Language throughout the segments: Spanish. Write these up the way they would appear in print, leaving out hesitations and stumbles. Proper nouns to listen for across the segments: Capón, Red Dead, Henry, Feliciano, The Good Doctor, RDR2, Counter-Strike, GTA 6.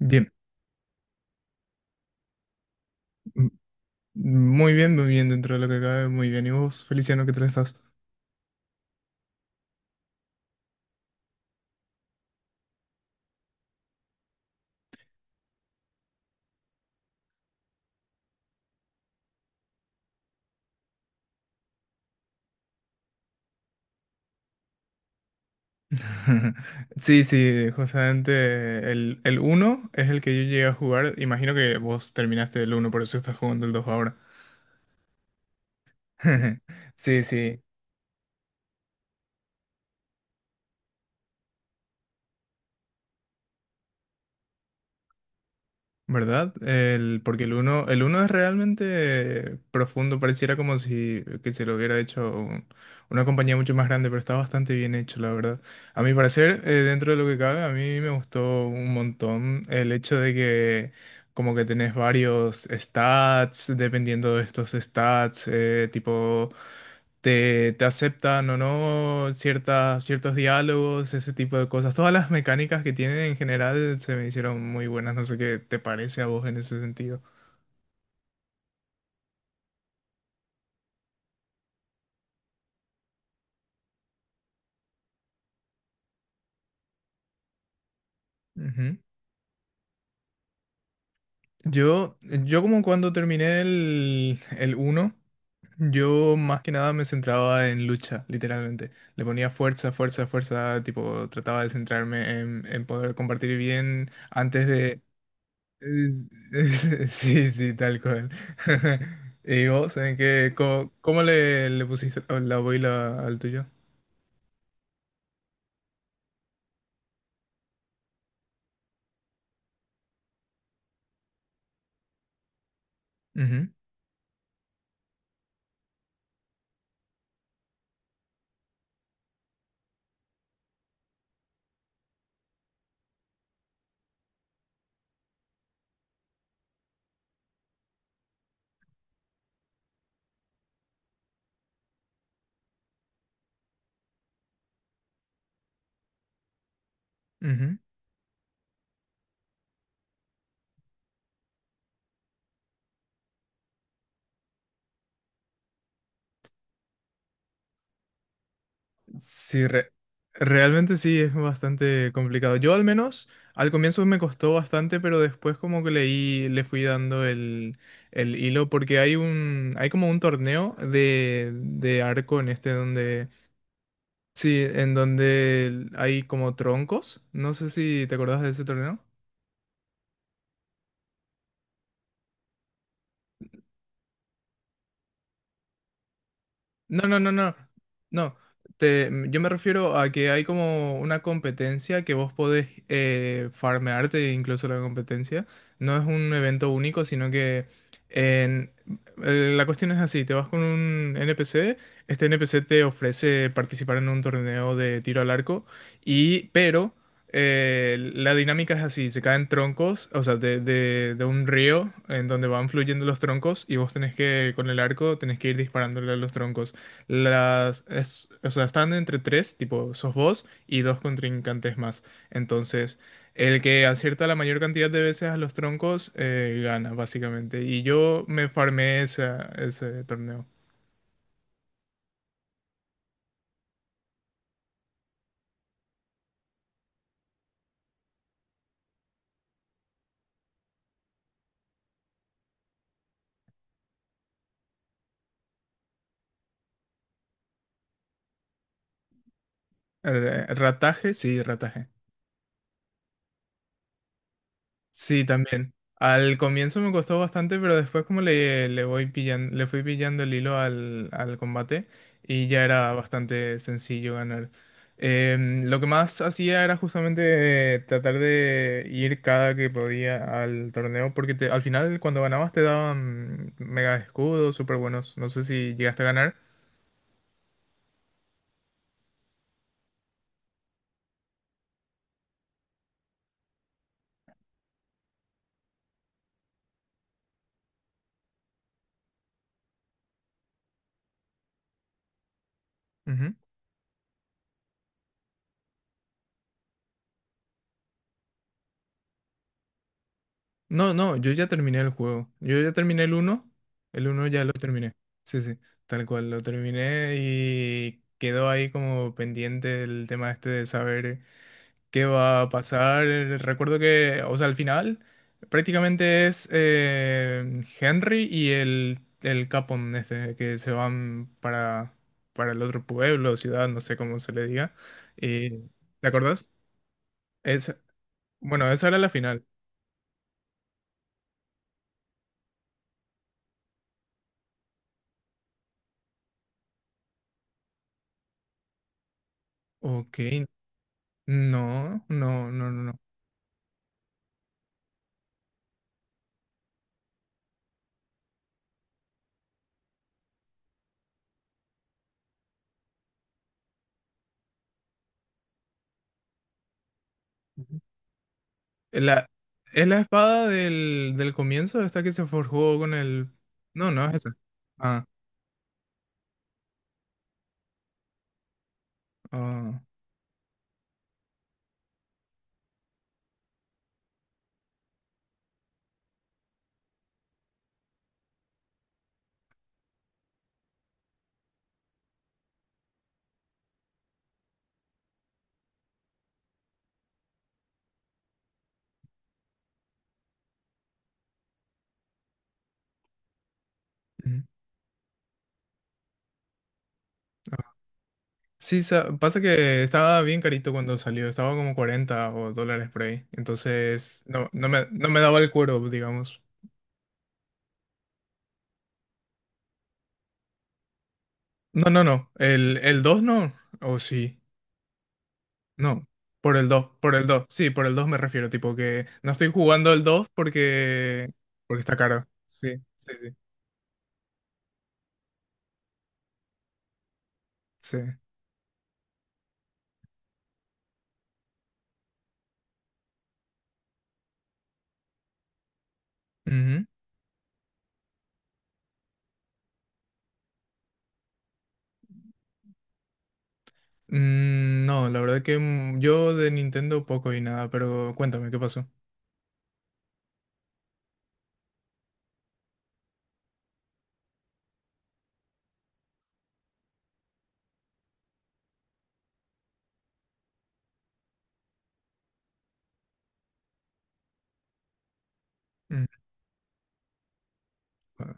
Bien, m- muy bien, muy bien dentro de lo que cabe, muy bien. ¿Y vos, Feliciano, qué tal estás? Sí, sí, justamente el uno es el que yo llegué a jugar. Imagino que vos terminaste el uno por eso estás jugando el 2 ahora. Sí, sí. ¿Verdad? El uno es realmente profundo, pareciera como si que se lo hubiera hecho una compañía mucho más grande, pero está bastante bien hecho, la verdad. A mi parecer, dentro de lo que cabe, a mí me gustó un montón el hecho de que como que tenés varios stats, dependiendo de estos stats, tipo te aceptan o no ciertos diálogos, ese tipo de cosas. Todas las mecánicas que tienen en general se me hicieron muy buenas. No sé qué te parece a vos en ese sentido. Ujú. Yo, yo como cuando terminé el uno yo más que nada me centraba en lucha, literalmente. Le ponía fuerza, fuerza, fuerza, tipo trataba de centrarme en poder compartir bien antes de, Es- sí, sí, tal cual. ¿Y vos, en qué, cómo, le pusiste la la boila al tuyo? Ujú, ujú. Sí, realmente sí, es bastante complicado. Yo al menos al comienzo me costó bastante, pero después como que leí, le fui dando el hilo, porque hay hay como un torneo de arco en este donde, sí, en donde hay como troncos. No sé si te acordás de ese torneo. No, no, no, no. No. Yo me refiero a que hay como una competencia que vos podés farmearte incluso la competencia. No es un evento único, sino que en- la cuestión es así, te vas con un NPC, este NPC te ofrece participar en un torneo de tiro al arco, y pero la dinámica es así, se caen troncos, o sea, de un río en donde van fluyendo los troncos y vos tenés que, con el arco, tenés que ir disparándole a los troncos. O sea, están entre tres, tipo, sos vos y dos contrincantes más. Entonces, el que acierta la mayor cantidad de veces a los troncos gana, básicamente. Y yo ese torneo. Rataje. Sí, también. Al comienzo me costó bastante, pero después como le fui pillando el hilo al combate y ya era bastante sencillo ganar. Lo que más hacía era justamente tratar de ir cada que podía al torneo, porque al final cuando ganabas te daban mega escudos súper buenos. No sé si llegaste a ganar. No, no, yo ya terminé el juego. Yo ya terminé el uno. El uno ya lo terminé. Sí, sí, tal cual, lo terminé y quedó ahí como pendiente el tema este de saber qué va a pasar. Recuerdo que, o sea, al final prácticamente es Henry y el Capón este, que se van para el otro pueblo, ciudad, no sé cómo se le diga. Y, ¿te acordás? Es, bueno, esa era la final. Ok, no, no, no, no, no. Ujú. La, es la espada del comienzo, esta que se forjó con el… No, no, es esa. Ah, ah, ujú, ah. Sí, pasa que estaba bien carito cuando salió, estaba como 40 o dólares por ahí. Entonces, no me daba el cuero, digamos. No, no, no. El 2 no. O sí. No. Por el dos sí, por el 2 me refiero. Tipo que no estoy jugando el 2 porque, porque está caro. Sí, sí, sí. Sí. Ujú. Mm, no, la verdad que yo de Nintendo poco y nada, pero cuéntame, ¿qué pasó? Mm, ah,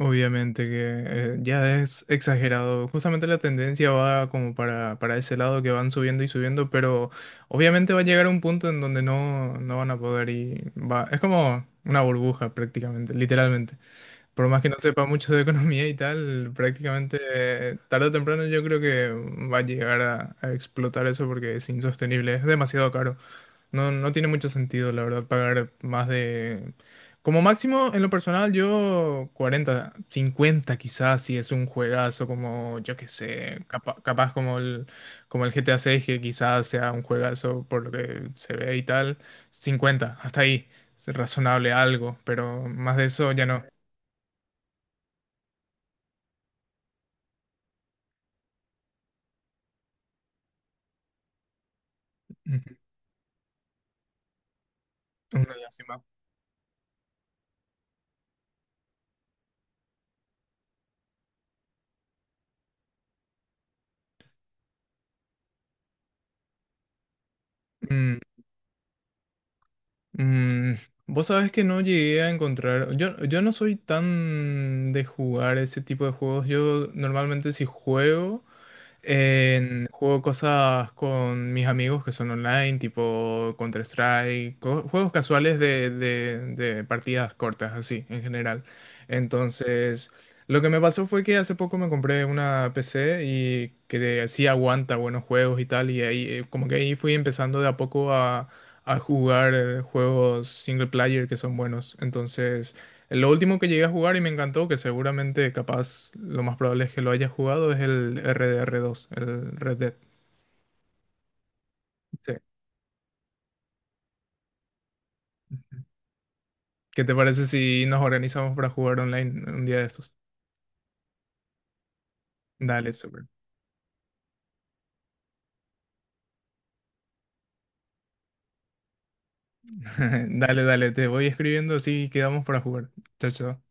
Obviamente que ya es exagerado. Justamente la tendencia va como para ese lado que van subiendo y subiendo, pero obviamente va a llegar un punto en donde no, no van a poder y va. Es como una burbuja prácticamente, literalmente. Por más que no sepa mucho de economía y tal, prácticamente tarde o temprano yo creo que va a llegar a explotar eso porque es insostenible, es demasiado caro. No, no tiene mucho sentido, la verdad, pagar más de… Como máximo, en lo personal, yo 40 50 quizás, si es un juegazo como, yo qué sé, capaz como como el GTA 6, que quizás sea un juegazo por lo que se ve y tal. Cincuenta hasta ahí, es razonable algo, pero más de eso ya no. Ujú, una lástima. Mm. Mm, vos sabés que no llegué a encontrar. Yo no soy tan de jugar ese tipo de juegos. Yo normalmente si juego. Juego cosas con mis amigos que son online, tipo Counter-Strike, juegos casuales de partidas cortas, así, en general. Entonces, lo que me pasó fue que hace poco me compré una PC y que sí aguanta buenos juegos y tal, y ahí como que ahí fui empezando de a poco a jugar juegos single player que son buenos. Entonces… Lo último que llegué a jugar y me encantó, que seguramente capaz lo más probable es que lo hayas jugado, es el RDR2, el Red Dead. Sí. ¿Qué te parece si nos organizamos para jugar online un día de estos? Dale, súper. Dale, dale, te voy escribiendo así quedamos para jugar. Chao, chao.